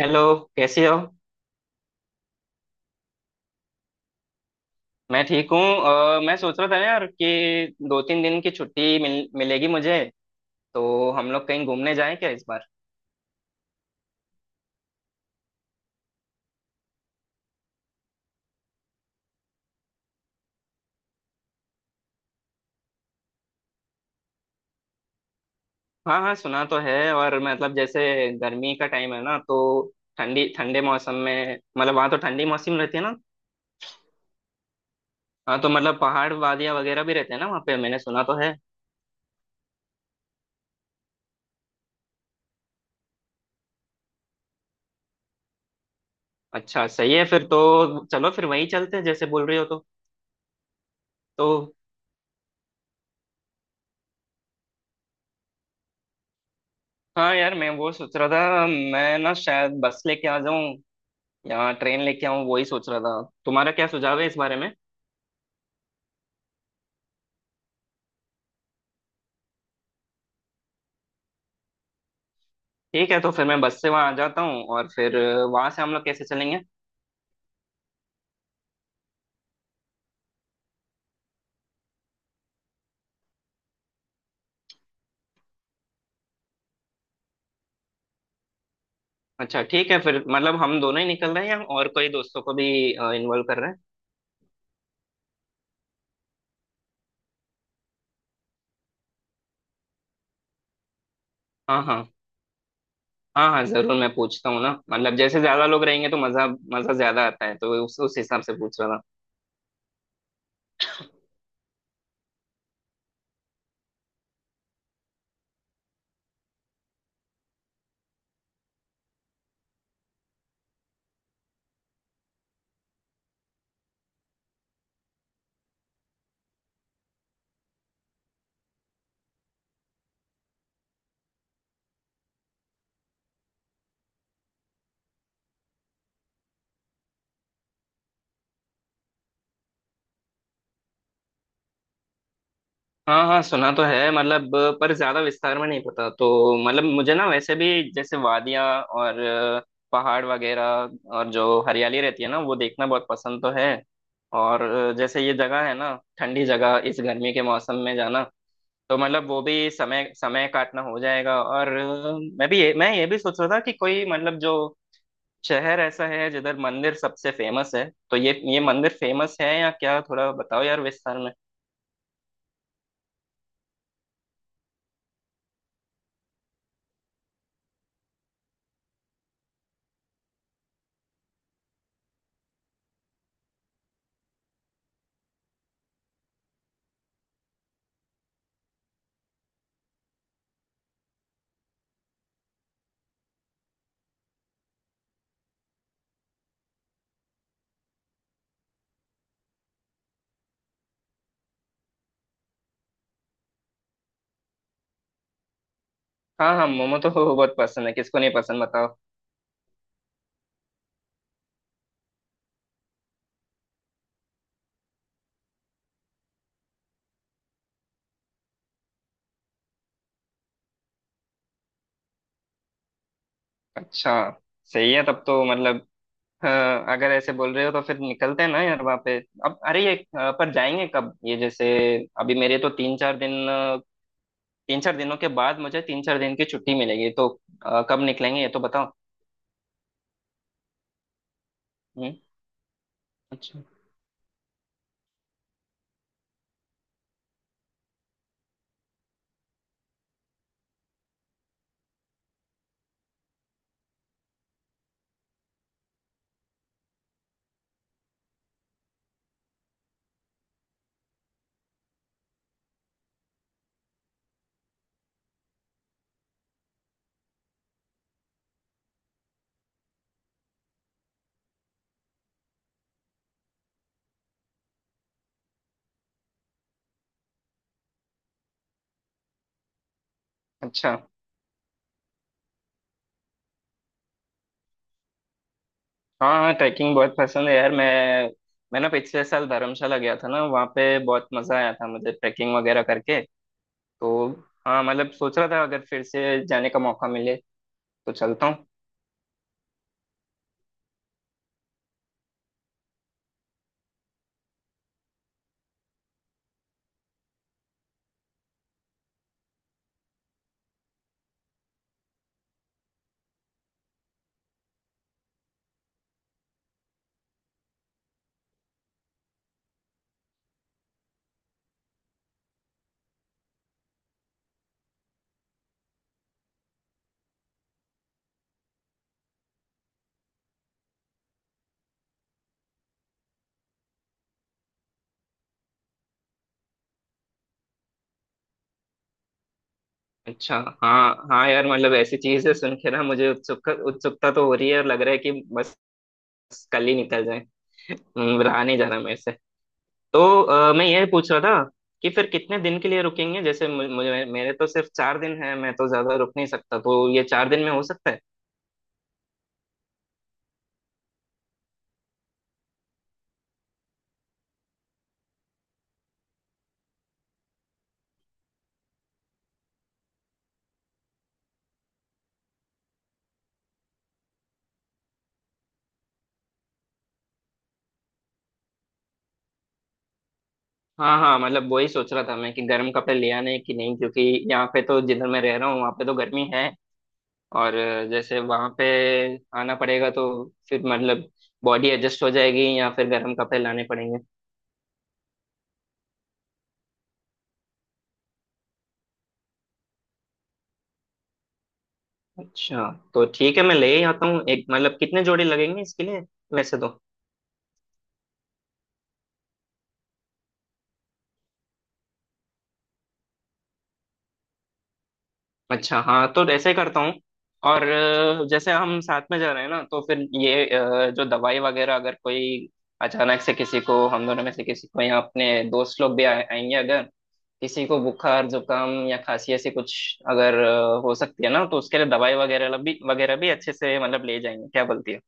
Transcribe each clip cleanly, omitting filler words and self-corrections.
Hello. कैसे हो। मैं ठीक हूँ। मैं सोच रहा था यार कि दो तीन दिन की छुट्टी मिलेगी मुझे। तो हम लोग कहीं घूमने जाएं क्या इस बार। हाँ हाँ सुना तो है। और मतलब जैसे गर्मी का टाइम है ना, तो ठंडी ठंडे मौसम में मतलब वहाँ तो ठंडी मौसम रहती है ना। हाँ तो मतलब पहाड़ वादियाँ वगैरह भी रहते हैं ना वहाँ पे, मैंने सुना तो है। अच्छा सही है फिर तो, चलो फिर वहीं चलते हैं जैसे बोल रही हो तो। तो हाँ यार, मैं वो सोच रहा था, मैं ना शायद बस लेके आ जाऊं। यहाँ ट्रेन लेके आऊँ, वही सोच रहा था। तुम्हारा क्या सुझाव है इस बारे में। ठीक है, तो फिर मैं बस से वहाँ आ जाता हूँ, और फिर वहाँ से हम लोग कैसे चलेंगे। अच्छा ठीक है, फिर मतलब हम दोनों ही निकल रहे हैं या और कोई दोस्तों को भी इन्वॉल्व कर रहे हैं। हाँ हाँ। हाँ हाँ जरूर, मैं पूछता हूँ ना। मतलब जैसे ज्यादा लोग रहेंगे तो मजा, मजा ज्यादा आता है, तो उस हिसाब से पूछ रहा था। हाँ हाँ सुना तो है मतलब, पर ज्यादा विस्तार में नहीं पता तो। मतलब मुझे ना वैसे भी, जैसे वादियाँ और पहाड़ वगैरह, और जो हरियाली रहती है ना, वो देखना बहुत पसंद तो है। और जैसे ये जगह है ना, ठंडी जगह, इस गर्मी के मौसम में जाना, तो मतलब वो भी समय समय काटना हो जाएगा। और मैं भी मैं ये भी सोच रहा था कि कोई मतलब जो शहर ऐसा है जिधर मंदिर सबसे फेमस है, तो ये मंदिर फेमस है या क्या, थोड़ा बताओ यार विस्तार। हाँ हाँ मोमो तो बहुत पसंद है, किसको नहीं पसंद बताओ। अच्छा सही है तब तो मतलब, हाँ, अगर ऐसे बोल रहे हो तो फिर निकलते हैं ना यार वहाँ पे। अब अरे ये पर जाएंगे कब ये, जैसे अभी मेरे तो तीन चार दिन तीन चार दिनों के बाद मुझे तीन चार दिन की छुट्टी मिलेगी तो कब निकलेंगे ये तो बताओ। हम्म। अच्छा। अच्छा। हाँ हाँ ट्रैकिंग बहुत पसंद है यार। मैं ना पिछले साल धर्मशाला गया था ना, वहाँ पे बहुत मजा आया था मुझे ट्रैकिंग वगैरह करके। तो हाँ मतलब सोच रहा था, अगर फिर से जाने का मौका मिले तो चलता हूँ। अच्छा। हाँ हाँ यार मतलब ऐसी चीजें सुन के ना मुझे उत्सुकता उत्सुकता तो हो रही है, और लग रहा है कि बस कल ही निकल जाए। रहा नहीं जा रहा मेरे से। तो मैं ये पूछ रहा था कि फिर कितने दिन के लिए रुकेंगे। जैसे मुझे, मेरे तो सिर्फ चार दिन है, मैं तो ज्यादा रुक नहीं सकता, तो ये चार दिन में हो सकता है। हाँ हाँ मतलब वही सोच रहा था मैं कि गर्म कपड़े ले आने कि नहीं, क्योंकि यहाँ पे तो जिधर मैं रह रहा हूँ वहाँ पे तो गर्मी है, और जैसे वहां पे आना पड़ेगा तो फिर मतलब बॉडी एडजस्ट हो जाएगी या फिर गर्म कपड़े लाने पड़ेंगे। अच्छा तो ठीक है, मैं ले ही आता हूँ एक, मतलब कितने जोड़ी लगेंगे इसके लिए वैसे तो। अच्छा हाँ, तो ऐसे ही करता हूँ। और जैसे हम साथ में जा रहे हैं ना, तो फिर ये जो दवाई वगैरह, अगर कोई अचानक से किसी को, हम दोनों में से किसी को या अपने दोस्त लोग भी आएंगे अगर, किसी को बुखार जुकाम या खांसी ऐसी कुछ अगर हो सकती है ना, तो उसके लिए दवाई वगैरह भी अच्छे से मतलब ले जाएंगे, क्या बोलती है।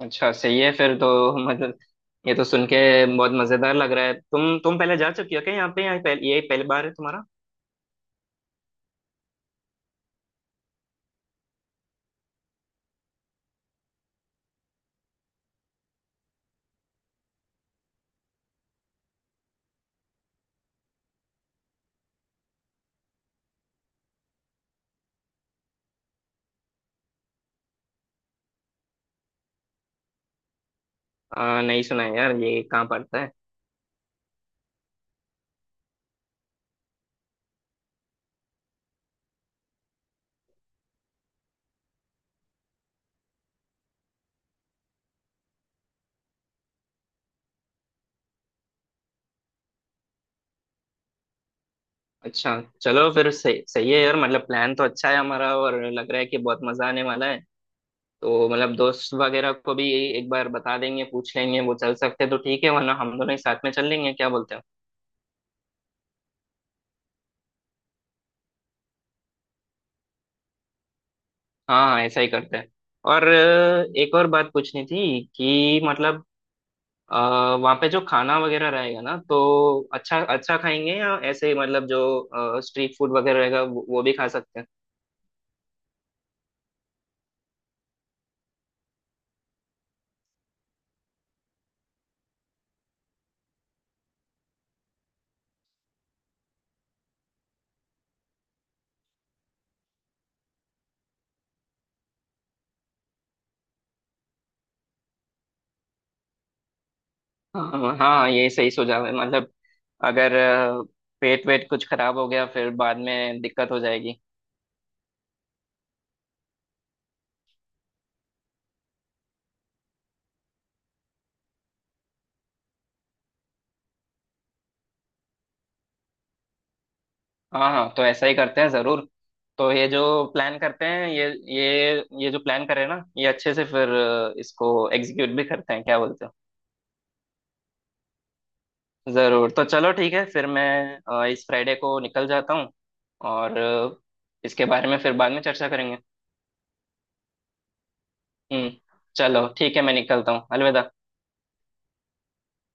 अच्छा सही है फिर तो मतलब, ये तो सुन के बहुत मजेदार लग रहा है। तुम पहले जा चुकी हो क्या यहाँ पे, या यही पहली बार है तुम्हारा। नहीं सुना है यार, ये कहाँ पड़ता है। अच्छा चलो, फिर सही, सही है यार, मतलब प्लान तो अच्छा है हमारा और लग रहा है कि बहुत मजा आने वाला है। तो मतलब दोस्त वगैरह को भी एक बार बता देंगे, पूछ लेंगे, वो चल सकते हैं तो ठीक है, वरना हम दोनों ही साथ में चल लेंगे, क्या बोलते हो। हाँ ऐसा ही करते हैं। और एक और बात पूछनी थी कि मतलब, वहाँ पे जो खाना वगैरह रहेगा ना तो अच्छा अच्छा खाएंगे या ऐसे ही मतलब जो स्ट्रीट फूड वगैरह रहेगा वो भी खा सकते हैं। हाँ हाँ ये सही सुझाव है मतलब, अगर अ, पेट वेट कुछ खराब हो गया फिर बाद में दिक्कत हो जाएगी। हाँ हाँ तो ऐसा ही करते हैं जरूर। तो प्लान करते हैं ये ये ये जो प्लान करें ना, ये अच्छे से फिर इसको एग्जीक्यूट भी करते हैं, क्या बोलते हैं। जरूर, तो चलो ठीक है फिर मैं इस फ्राइडे को निकल जाता हूँ। और इसके बारे में फिर बाद में चर्चा करेंगे। हम्म। चलो ठीक है, मैं निकलता हूँ, अलविदा।